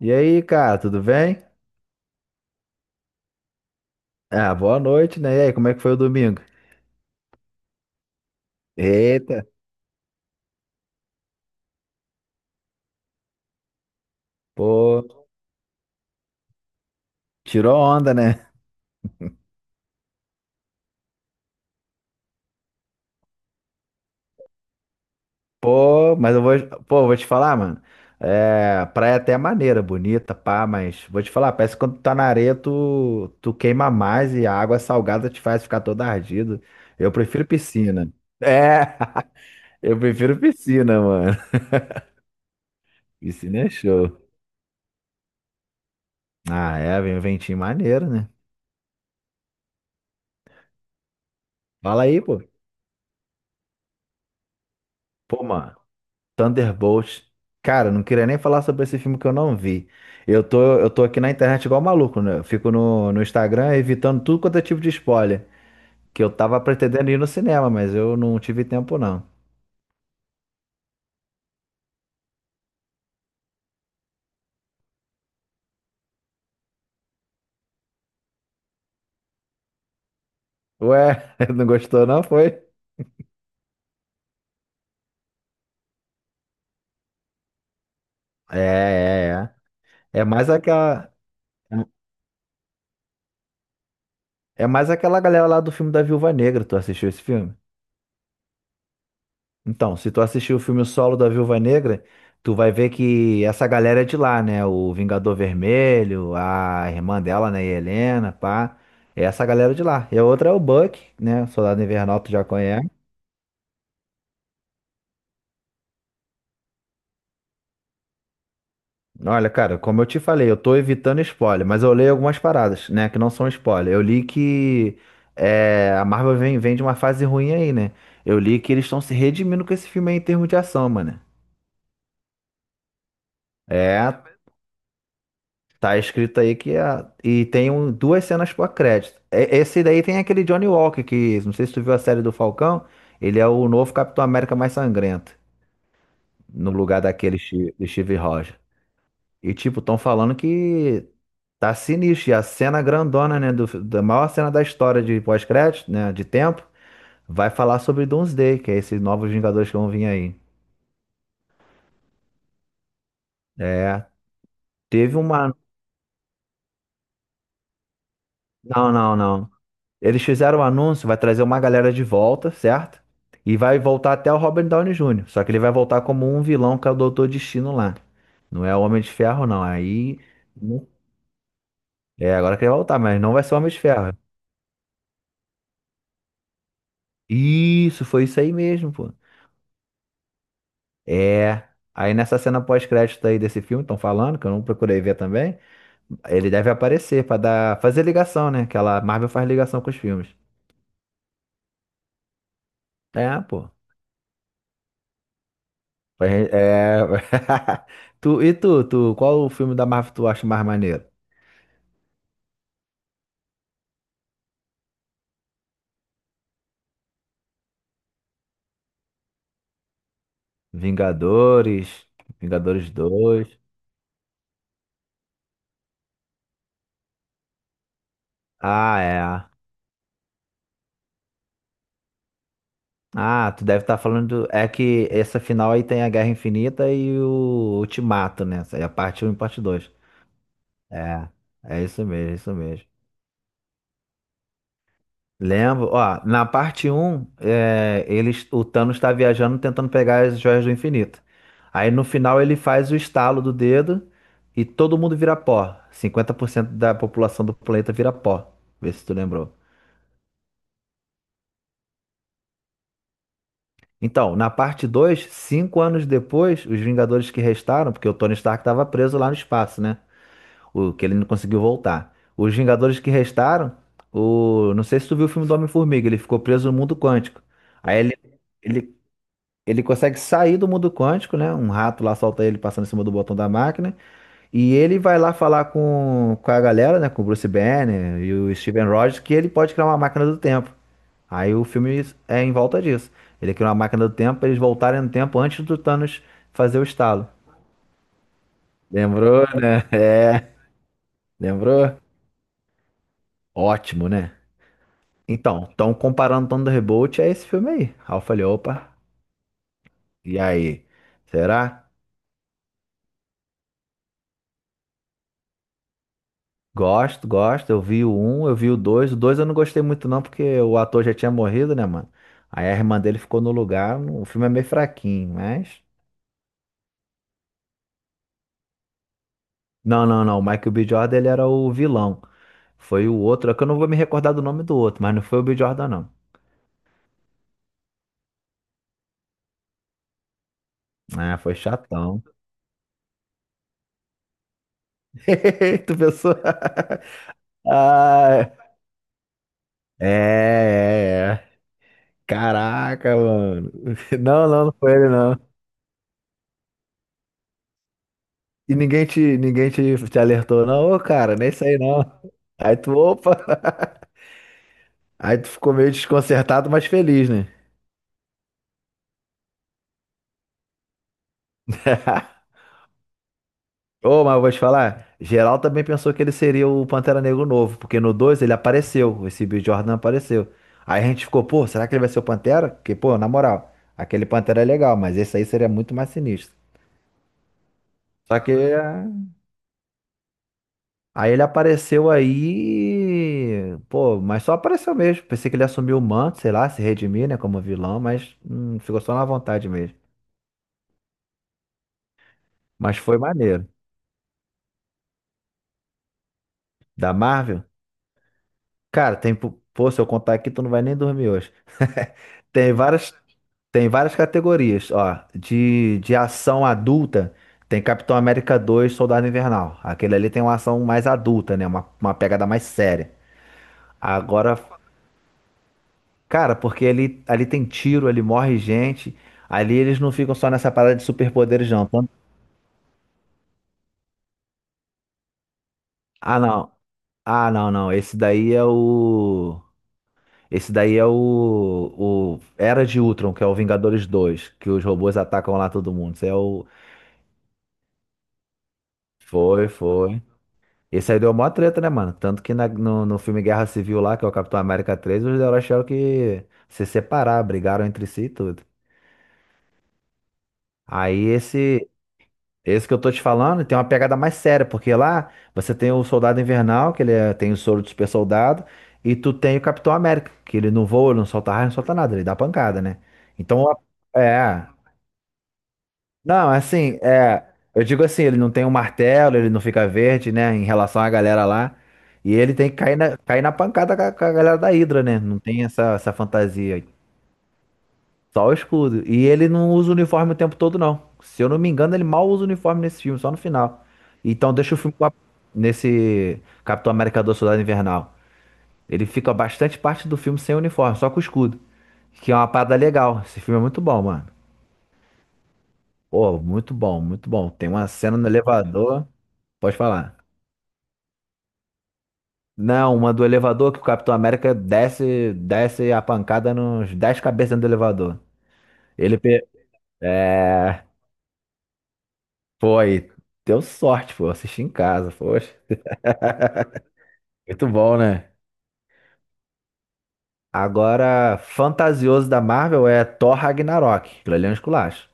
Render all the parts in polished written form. E aí, cara, tudo bem? Ah, boa noite, né? E aí, como é que foi o domingo? Eita, pô, tirou onda, né? Pô, mas pô, vou te falar, mano. É, praia até é maneira, bonita, pá, mas vou te falar, parece que quando tu tá na areia, tu queima mais e a água salgada te faz ficar todo ardido. Eu prefiro piscina. É, eu prefiro piscina, mano. Piscina é show. Ah, é, vem um ventinho maneiro, né? Fala aí, pô. Pô, mano. Thunderbolts. Cara, não queria nem falar sobre esse filme que eu não vi. Eu tô aqui na internet igual um maluco, né? Eu fico no Instagram evitando tudo quanto é tipo de spoiler. Que eu tava pretendendo ir no cinema, mas eu não tive tempo, não. Ué, não gostou, não? Foi? É, é, é. É mais aquela galera lá do filme da Viúva Negra. Tu assistiu esse filme? Então, se tu assistir o filme solo da Viúva Negra, tu vai ver que essa galera é de lá, né? O Vingador Vermelho, a irmã dela, né? Helena, pá. É essa galera de lá. E a outra é o Buck, né? Soldado Invernal, tu já conhece. Olha, cara, como eu te falei, eu tô evitando spoiler, mas eu leio algumas paradas, né, que não são spoiler. Eu li que a Marvel vem de uma fase ruim aí, né? Eu li que eles estão se redimindo com esse filme aí em termos de ação, mano. É, tá escrito aí que e tem duas cenas pós-crédito. Esse daí tem aquele Johnny Walker que, não sei se tu viu a série do Falcão, ele é o novo Capitão América mais sangrento, no lugar do Steve Rogers. E tipo, estão falando que tá sinistro, e a cena grandona, né, da maior cena da história de pós-crédito, né, de tempo, vai falar sobre Doomsday, que é esses novos Vingadores que vão vir aí. É, teve uma... Não, não, não. Eles fizeram o anúncio, vai trazer uma galera de volta, certo? E vai voltar até o Robert Downey Jr. Só que ele vai voltar como um vilão, que é o Doutor Destino lá. Não é o Homem de Ferro, não. Aí, né? É, agora que ele vai voltar, mas não vai ser o Homem de Ferro. Isso, foi isso aí mesmo, pô. É. Aí nessa cena pós-crédito aí desse filme, estão falando, que eu não procurei ver também. Ele deve aparecer pra dar, fazer ligação, né? Que Marvel faz ligação com os filmes. É, pô. Pra gen- É... e tu, qual o filme da Marvel tu acha mais maneiro? Vingadores, Vingadores 2. Ah, é. Ah, tu deve estar falando. É que essa final aí tem a Guerra Infinita e o Ultimato, né? Essa aí é a parte um e parte 2. É, é isso mesmo, é isso mesmo. Lembro, ó, na parte um eles, o Thanos está viajando tentando pegar as joias do infinito. Aí no final ele faz o estalo do dedo e todo mundo vira pó. 50% da população do planeta vira pó. Vê se tu lembrou. Então, na parte dois 5 anos depois, os Vingadores que restaram, porque o Tony Stark estava preso lá no espaço, né? O que ele não conseguiu voltar. Os Vingadores que restaram, não sei se tu viu o filme do Homem-Formiga, ele ficou preso no mundo quântico. Aí ele Ele consegue sair do mundo quântico, né? Um rato lá solta ele passando em cima do botão da máquina. E ele vai lá falar com a galera, né? Com o Bruce Banner e o Steven Rogers, que ele pode criar uma máquina do tempo. Aí o filme é em volta disso. Ele cria uma máquina do tempo pra eles voltarem no tempo antes do Thanos fazer o estalo. Lembrou, né? É, lembrou? Ótimo, né? Então, estão comparando Thunderbolt a esse filme aí. Aí eu falei, opa, e aí? Será? Gosto, gosto. Eu vi o um, eu vi o dois. O dois eu não gostei muito, não, porque o ator já tinha morrido, né, mano? Aí a irmã dele ficou no lugar. O filme é meio fraquinho, mas. Não, não, não. O Michael B. Jordan, ele era o vilão. Foi o outro. É que eu não vou me recordar do nome do outro, mas não foi o B. Jordan, não. Ah, foi chatão. Tu pensou? Ah, é, é, é. Caraca, mano. Não, não, não foi ele, não. E ninguém te alertou, não, ô cara, nem isso aí não. Aí tu, opa! Aí tu ficou meio desconcertado, mas feliz, né? Ô, mas eu vou te falar, geral também pensou que ele seria o Pantera Negro novo, porque no 2 ele apareceu, esse Bill Jordan apareceu. Aí a gente ficou, pô, será que ele vai ser o Pantera? Porque, pô, na moral, aquele Pantera é legal, mas esse aí seria muito mais sinistro. Só que é, Aí ele apareceu aí, pô, mas só apareceu mesmo. Pensei que ele assumiu o manto, sei lá, se redimir, né, como vilão, mas ficou só na vontade mesmo. Mas foi maneiro. Da Marvel? Cara, tem, pô, se eu contar aqui, tu não vai nem dormir hoje. Tem várias, tem várias categorias, ó, de ação adulta. Tem Capitão América 2, Soldado Invernal. Aquele ali tem uma ação mais adulta, né, uma pegada mais séria. Agora, cara, porque ali tem tiro, ali morre gente. Ali eles não ficam só nessa parada de superpoderes, não. Ah, não. Ah, não, não. Esse daí é o Era de Ultron, que é o Vingadores 2, que os robôs atacam lá todo mundo. Esse é o. Foi, foi. Esse aí deu mó treta, né, mano? Tanto que no filme Guerra Civil lá, que é o Capitão América 3, os heróis tiveram que se separar, brigaram entre si e tudo. Aí esse, Esse que eu tô te falando tem uma pegada mais séria, porque lá você tem o Soldado Invernal, que ele tem o soro do super soldado, e tu tem o Capitão América, que ele não voa, ele não solta raio, não solta nada, ele dá pancada, né? Então, é. Não, é assim, é. Eu digo assim, ele não tem um martelo, ele não fica verde, né, em relação à galera lá. E ele tem que cair na pancada com a galera da Hydra, né? Não tem essa fantasia. Só o escudo. E ele não usa o uniforme o tempo todo, não. Se eu não me engano, ele mal usa o uniforme nesse filme, só no final. Então deixa o filme nesse Capitão América do Soldado Invernal. Ele fica bastante parte do filme sem uniforme, só com o escudo. Que é uma parada legal. Esse filme é muito bom, mano. Pô, muito bom, muito bom. Tem uma cena no elevador. Pode falar. Não, uma do elevador que o Capitão América desce, desce a pancada nos 10 cabeças dentro do elevador. Ele, pe- é, Pô, aí, deu sorte, pô, assisti em casa, poxa. Muito bom, né? Agora, fantasioso da Marvel é Thor Ragnarok. Aquilo ali é um esculacho.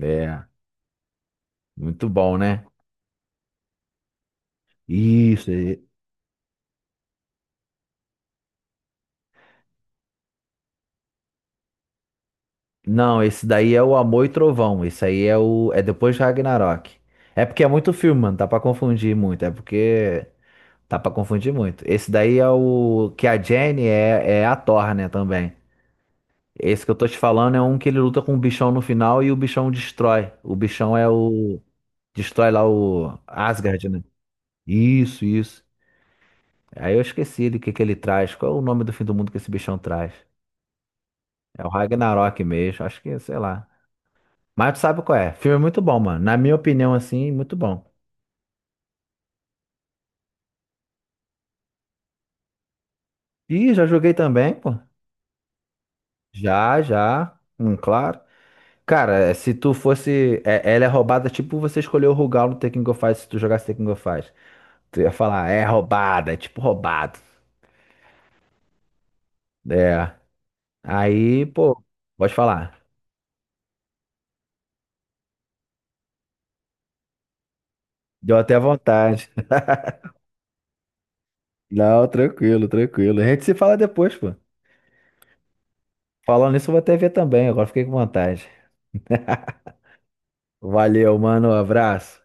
É, muito bom, né? Isso. Não, esse daí é o Amor e Trovão. Esse aí é o é depois de Ragnarok. É porque é muito filme, mano. Tá pra confundir muito. É porque tá pra confundir muito. Esse daí é o que a Jane é, a Thor, né, também. Esse que eu tô te falando é um que ele luta com o bichão no final e o bichão destrói. O bichão é o. Destrói lá o Asgard, né? Isso, isso. Aí eu esqueci do que ele traz. Qual é o nome do fim do mundo que esse bichão traz? É o Ragnarok mesmo. Acho que, sei lá. Mas tu sabe qual é. Filme muito bom, mano. Na minha opinião, assim, muito bom. Ih, já joguei também, pô. Já, já. Claro. Cara, se tu fosse. Ela é roubada, tipo você escolheu o Rugal no Tekken Go Fight se tu jogasse Tekken Go Fight. Tu ia falar, é roubada, é tipo roubado. É. Aí, pô, pode falar. Deu até vontade. Não, tranquilo, tranquilo. A gente se fala depois, pô. Falando nisso, eu vou até ver também. Agora fiquei com vontade. Valeu, mano. Abraço.